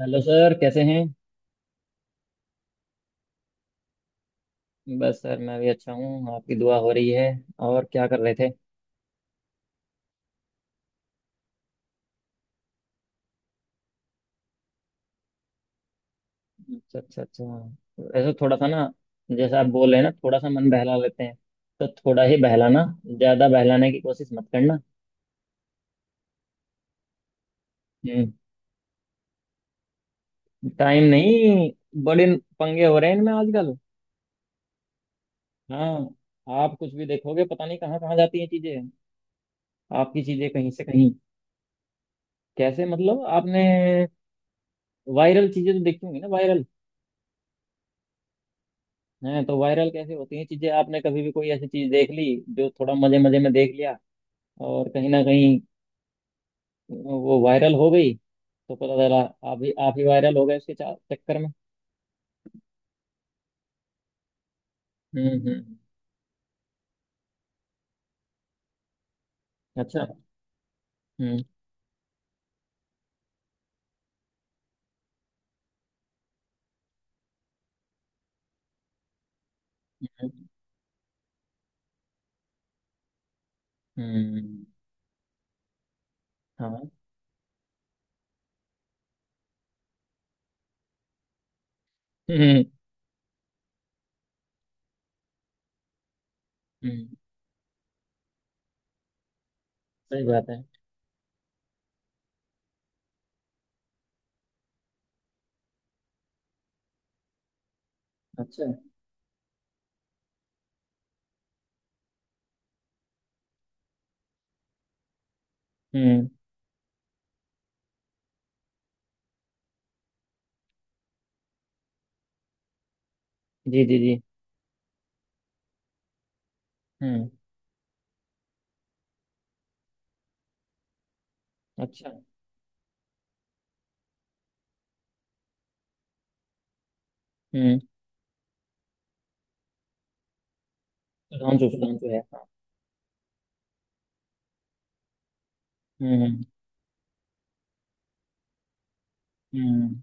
Hello sir, कैसे हैं। बस सर, मैं भी अच्छा हूँ, आपकी दुआ हो रही है। और क्या कर रहे थे। अच्छा अच्छा अच्छा। ऐसा थोड़ा सा ना, जैसा आप बोल रहे हैं ना, थोड़ा सा मन बहला लेते हैं, तो थोड़ा ही बहलाना, ज़्यादा बहलाने की कोशिश मत करना। हम्म। टाइम नहीं, बड़े पंगे हो रहे हैं इनमें आजकल। हाँ, आप कुछ भी देखोगे, पता नहीं कहाँ कहाँ जाती हैं चीज़ें, आपकी चीज़ें कहीं से कहीं। कैसे मतलब आपने, वायरल चीज़ें तो देखी होंगी ना, वायरल हैं तो, वायरल कैसे होती हैं चीजें। आपने कभी भी कोई ऐसी चीज देख ली जो थोड़ा मजे मजे में देख लिया, और कहीं ना कहीं वो वायरल हो गई, तो पता चला आप ही वायरल हो गए उसके चक्कर में। हम्म। अच्छा। हम्म हम्म। हम्म, हाँ। हम्म हम्म। सही बात है। अच्छा। हम्म। जी जी जी। हम्म। अच्छा। हम्म। सुधांशु, सुधांशु है हाँ। हम्म हम्म।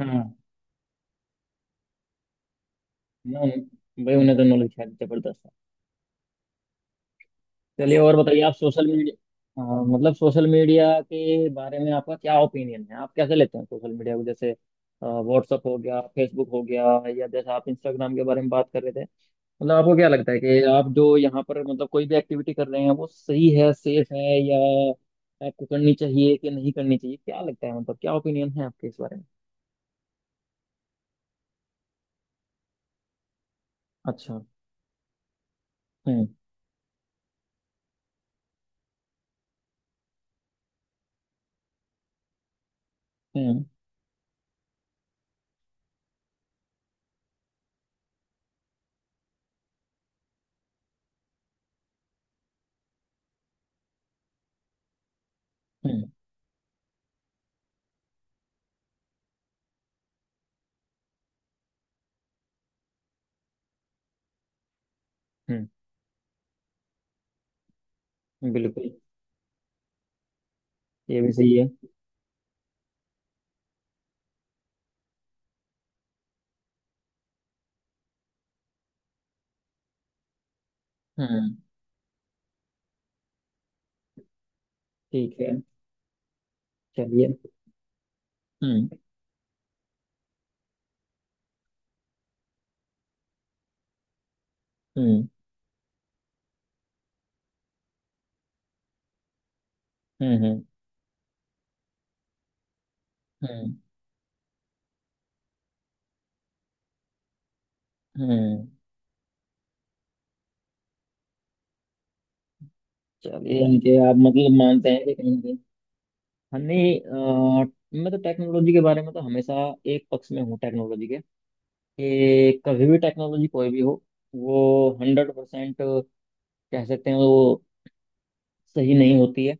हाँ ना, भाई उन्हें तो नॉलेज है जबरदस्त। चलिए और बताइए आप सोशल मीडिया, हाँ, मतलब सोशल मीडिया के बारे में आपका क्या ओपिनियन है। आप कैसे लेते हैं सोशल मीडिया को, जैसे व्हाट्सअप हो गया, फेसबुक हो गया, या जैसे आप इंस्टाग्राम के बारे में बात कर रहे थे। मतलब आपको क्या लगता है कि आप जो यहाँ पर मतलब कोई भी एक्टिविटी कर रहे हैं, वो सही है, सेफ है, या आपको करनी चाहिए कि नहीं करनी चाहिए। क्या लगता है, मतलब क्या ओपिनियन है आपके इस बारे में। अच्छा। हम्म हम्म। हम्म हम्म। बिल्कुल। ये भी सही है। हम्म। ठीक है। चलिए। हम्म हम्म हम्म हम्म हम्म हम्म। चलिए, यानी कि आप मतलब मानते हैं कि कहीं ना कहीं हमें मैं तो टेक्नोलॉजी के बारे में तो हमेशा एक पक्ष में हूँ टेक्नोलॉजी के, कि कभी भी टेक्नोलॉजी कोई भी हो, वो हंड्रेड परसेंट कह सकते हैं वो सही नहीं होती है।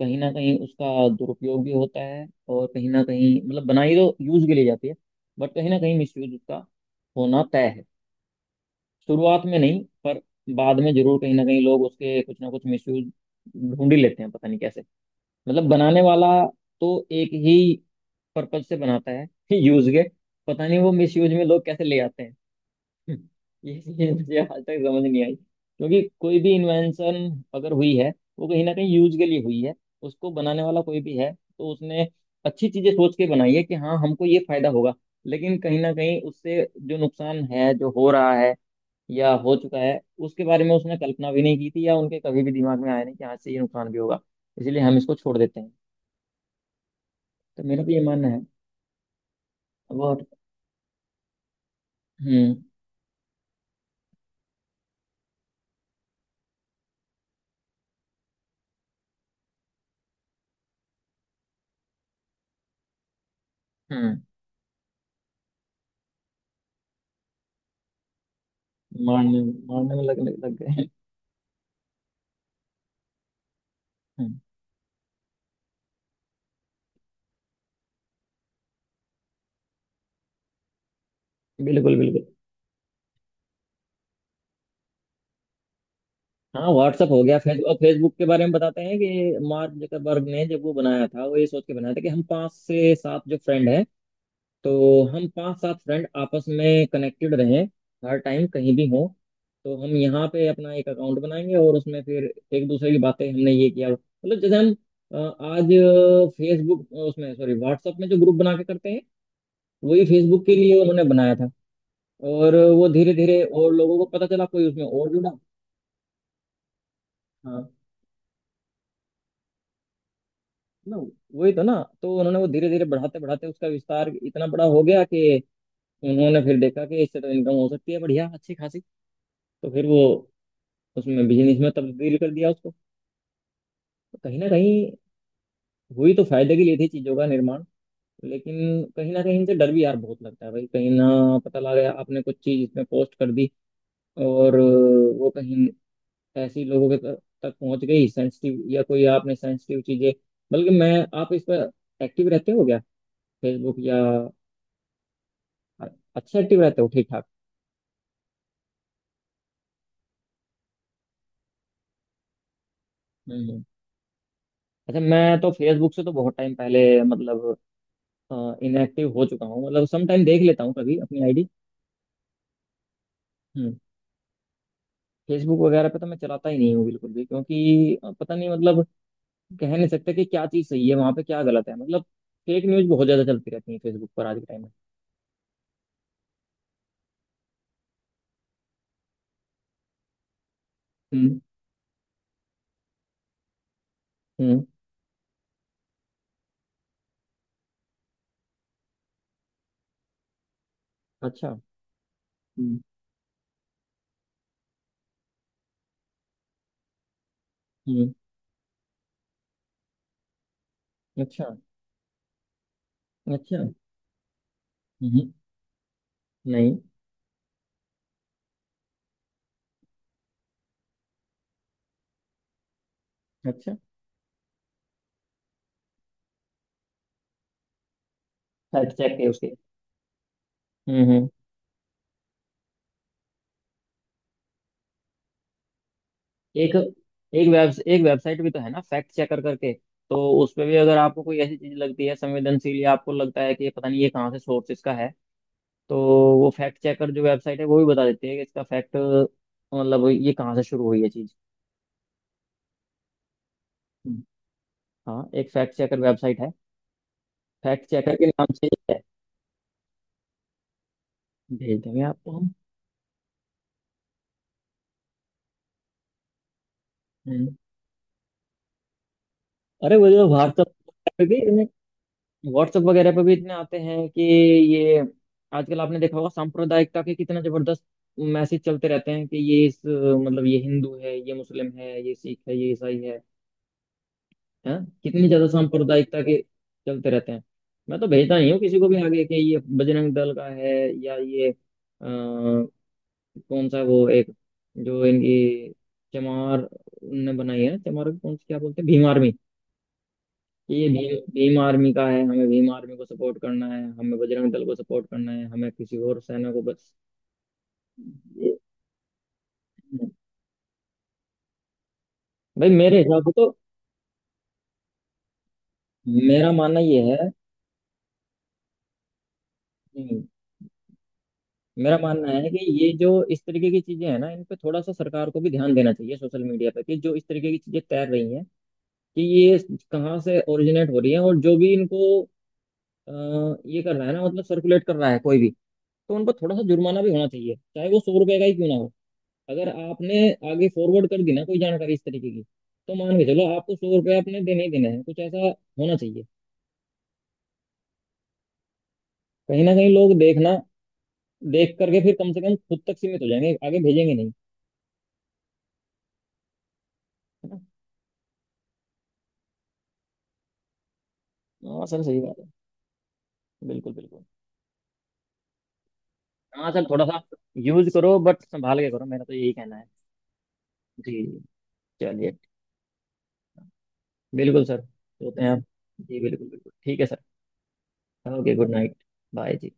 कहीं ना कहीं उसका दुरुपयोग भी होता है, और कहीं ना कहीं मतलब बनाई तो यूज के लिए जाती है, बट कहीं ना कहीं मिसयूज उसका होना तय है। शुरुआत में नहीं पर बाद में जरूर कहीं ना कहीं लोग उसके कुछ ना कुछ मिसयूज ढूंढ ही लेते हैं, पता नहीं कैसे। मतलब बनाने वाला तो एक ही पर्पज से बनाता है यूज के, पता नहीं वो मिस यूज में लोग कैसे ले आते हैं। ये चीज मुझे आज तक समझ नहीं आई, क्योंकि कोई भी इन्वेंशन अगर हुई है, वो कहीं ना कहीं यूज के लिए हुई है। उसको बनाने वाला कोई भी है तो उसने अच्छी चीजें सोच के बनाई है कि हाँ हमको ये फायदा होगा, लेकिन कहीं ना कहीं उससे जो नुकसान है जो हो रहा है या हो चुका है उसके बारे में उसने कल्पना भी नहीं की थी, या उनके कभी भी दिमाग में आया नहीं कि हाँ इससे ये नुकसान भी होगा, इसलिए हम इसको छोड़ देते हैं। तो मेरा भी ये मानना है। बहुत। हम्म हम्म। मारने, मारने में लग लग, लग गए हैं। हम्म, बिल्कुल बिल्कुल। हाँ व्हाट्सअप हो गया, फेसबुक। और फेसबुक के बारे में बताते हैं कि मार्क जकरबर्ग ने जब वो बनाया था, वो ये सोच के बनाया था कि हम पांच से सात जो फ्रेंड हैं, तो हम पांच सात फ्रेंड आपस में कनेक्टेड रहें हर टाइम, कहीं भी हों, तो हम यहाँ पे अपना एक अकाउंट बनाएंगे और उसमें फिर एक दूसरे की बातें। हमने ये किया मतलब जैसे हम अ, आज फेसबुक उसमें, सॉरी व्हाट्सएप में जो ग्रुप बना के करते हैं, वही फेसबुक के लिए उन्होंने बनाया था। और वो धीरे धीरे और लोगों को पता चला, कोई उसमें और जुड़ा। हाँ ना, वही तो ना। तो उन्होंने वो धीरे धीरे बढ़ाते बढ़ाते उसका विस्तार इतना बड़ा हो गया, कि उन्होंने फिर देखा कि इससे तो इनकम हो सकती है बढ़िया अच्छी खासी, तो फिर वो उसमें, बिजनेस में तब्दील कर दिया उसको। तो कहीं ना कहीं हुई तो फायदे के लिए थी, चीजों का निर्माण, लेकिन कहीं ना कहीं इनसे डर भी यार बहुत लगता है भाई, कहीं ना पता लगा आपने कुछ चीज इसमें पोस्ट कर दी, और वो कहीं ऐसी लोगों के तक पहुंच गई, सेंसिटिव, या कोई आपने सेंसिटिव चीजें। बल्कि मैं, आप इस पर एक्टिव रहते हो क्या, फेसबुक या। अच्छा एक्टिव रहते हो ठीक ठाक। हम्म हम्म। अच्छा, मैं तो फेसबुक से तो बहुत टाइम पहले मतलब इनएक्टिव हो चुका हूँ, मतलब सम टाइम देख लेता हूँ कभी अपनी आईडी। हम्म। फेसबुक वगैरह पे तो मैं चलाता ही नहीं हूँ बिल्कुल भी, क्योंकि पता नहीं मतलब, कह नहीं सकते कि क्या चीज़ सही है वहाँ पे, क्या गलत है। मतलब फेक न्यूज़ बहुत ज़्यादा चलती रहती है फेसबुक पर आज के टाइम में। हम्म हम्म। अच्छा। हम्म हम्म। अच्छा। अच्छा। हम्म। नहीं। अच्छा। फैक्ट चेक है उसके। हम्म। एक एक वेब, एक वेबसाइट भी तो है ना, फैक्ट चेकर करके। तो उस पे भी अगर आपको कोई ऐसी चीज लगती है संवेदनशील, या आपको लगता है कि ये पता नहीं ये कहाँ से सोर्स इसका है, तो वो फैक्ट चेकर जो वेबसाइट है वो भी बता देती है कि इसका फैक्ट, मतलब ये कहाँ से शुरू हुई है चीज। हम्म। हाँ एक फैक्ट चेकर वेबसाइट है, फैक्ट चेकर के नाम से ही है। भेज देंगे आपको हम। हम्म। अरे वो जो व्हाट्सअप, व्हाट्सएप वगैरह पे भी इतने आते हैं कि ये, आजकल आपने देखा होगा सांप्रदायिकता के कितना जबरदस्त मैसेज चलते रहते हैं कि ये, इस मतलब ये हिंदू है, ये मुस्लिम है, ये सिख है, ये ईसाई है, हैं कितनी ज्यादा सांप्रदायिकता के चलते रहते हैं। मैं तो भेजता नहीं हूँ किसी को भी आगे कि ये बजरंग दल का है, या ये कौन सा वो एक जो इनकी चमार ने बनाई है, चमार को कौन सी, क्या बोलते हैं भीम आर्मी, ये भीम भीम आर्मी का है, हमें भीम आर्मी को सपोर्ट करना है, हमें बजरंग दल को सपोर्ट करना है, हमें किसी और सेना को बस ये- भाई मेरे हिसाब से तो, मेरा मानना ये है, नहीं, मेरा मानना है कि ये जो इस तरीके की चीजें हैं ना, इन पे थोड़ा सा सरकार को भी ध्यान देना चाहिए सोशल मीडिया पे, कि जो इस तरीके की चीजें तैर रही हैं कि ये कहाँ से ओरिजिनेट हो रही है, और जो भी इनको अ, ये कर रहा है ना मतलब सर्कुलेट कर रहा है कोई भी, तो उन पर थोड़ा सा जुर्माना भी होना चाहिए, चाहे वो 100 रुपए का ही क्यों ना हो। अगर आपने आगे फॉरवर्ड कर दी ना कोई जानकारी इस तरीके की, तो मान के चलो आपको 100 रुपये आपने देने ही देने हैं, कुछ ऐसा होना चाहिए। कहीं ना कहीं लोग देखना, देख करके फिर कम से कम खुद तक सीमित हो जाएंगे, आगे भेजेंगे नहीं। है ना, हाँ सर सही बात है, बिल्कुल बिल्कुल। हाँ सर थोड़ा सा, यूज करो बट संभाल के करो, मेरा तो यही कहना है। जी। चलिए। बिल्कुल सर, होते हैं आप। जी बिल्कुल बिल्कुल, ठीक है sir. Okay good night. Bye जी।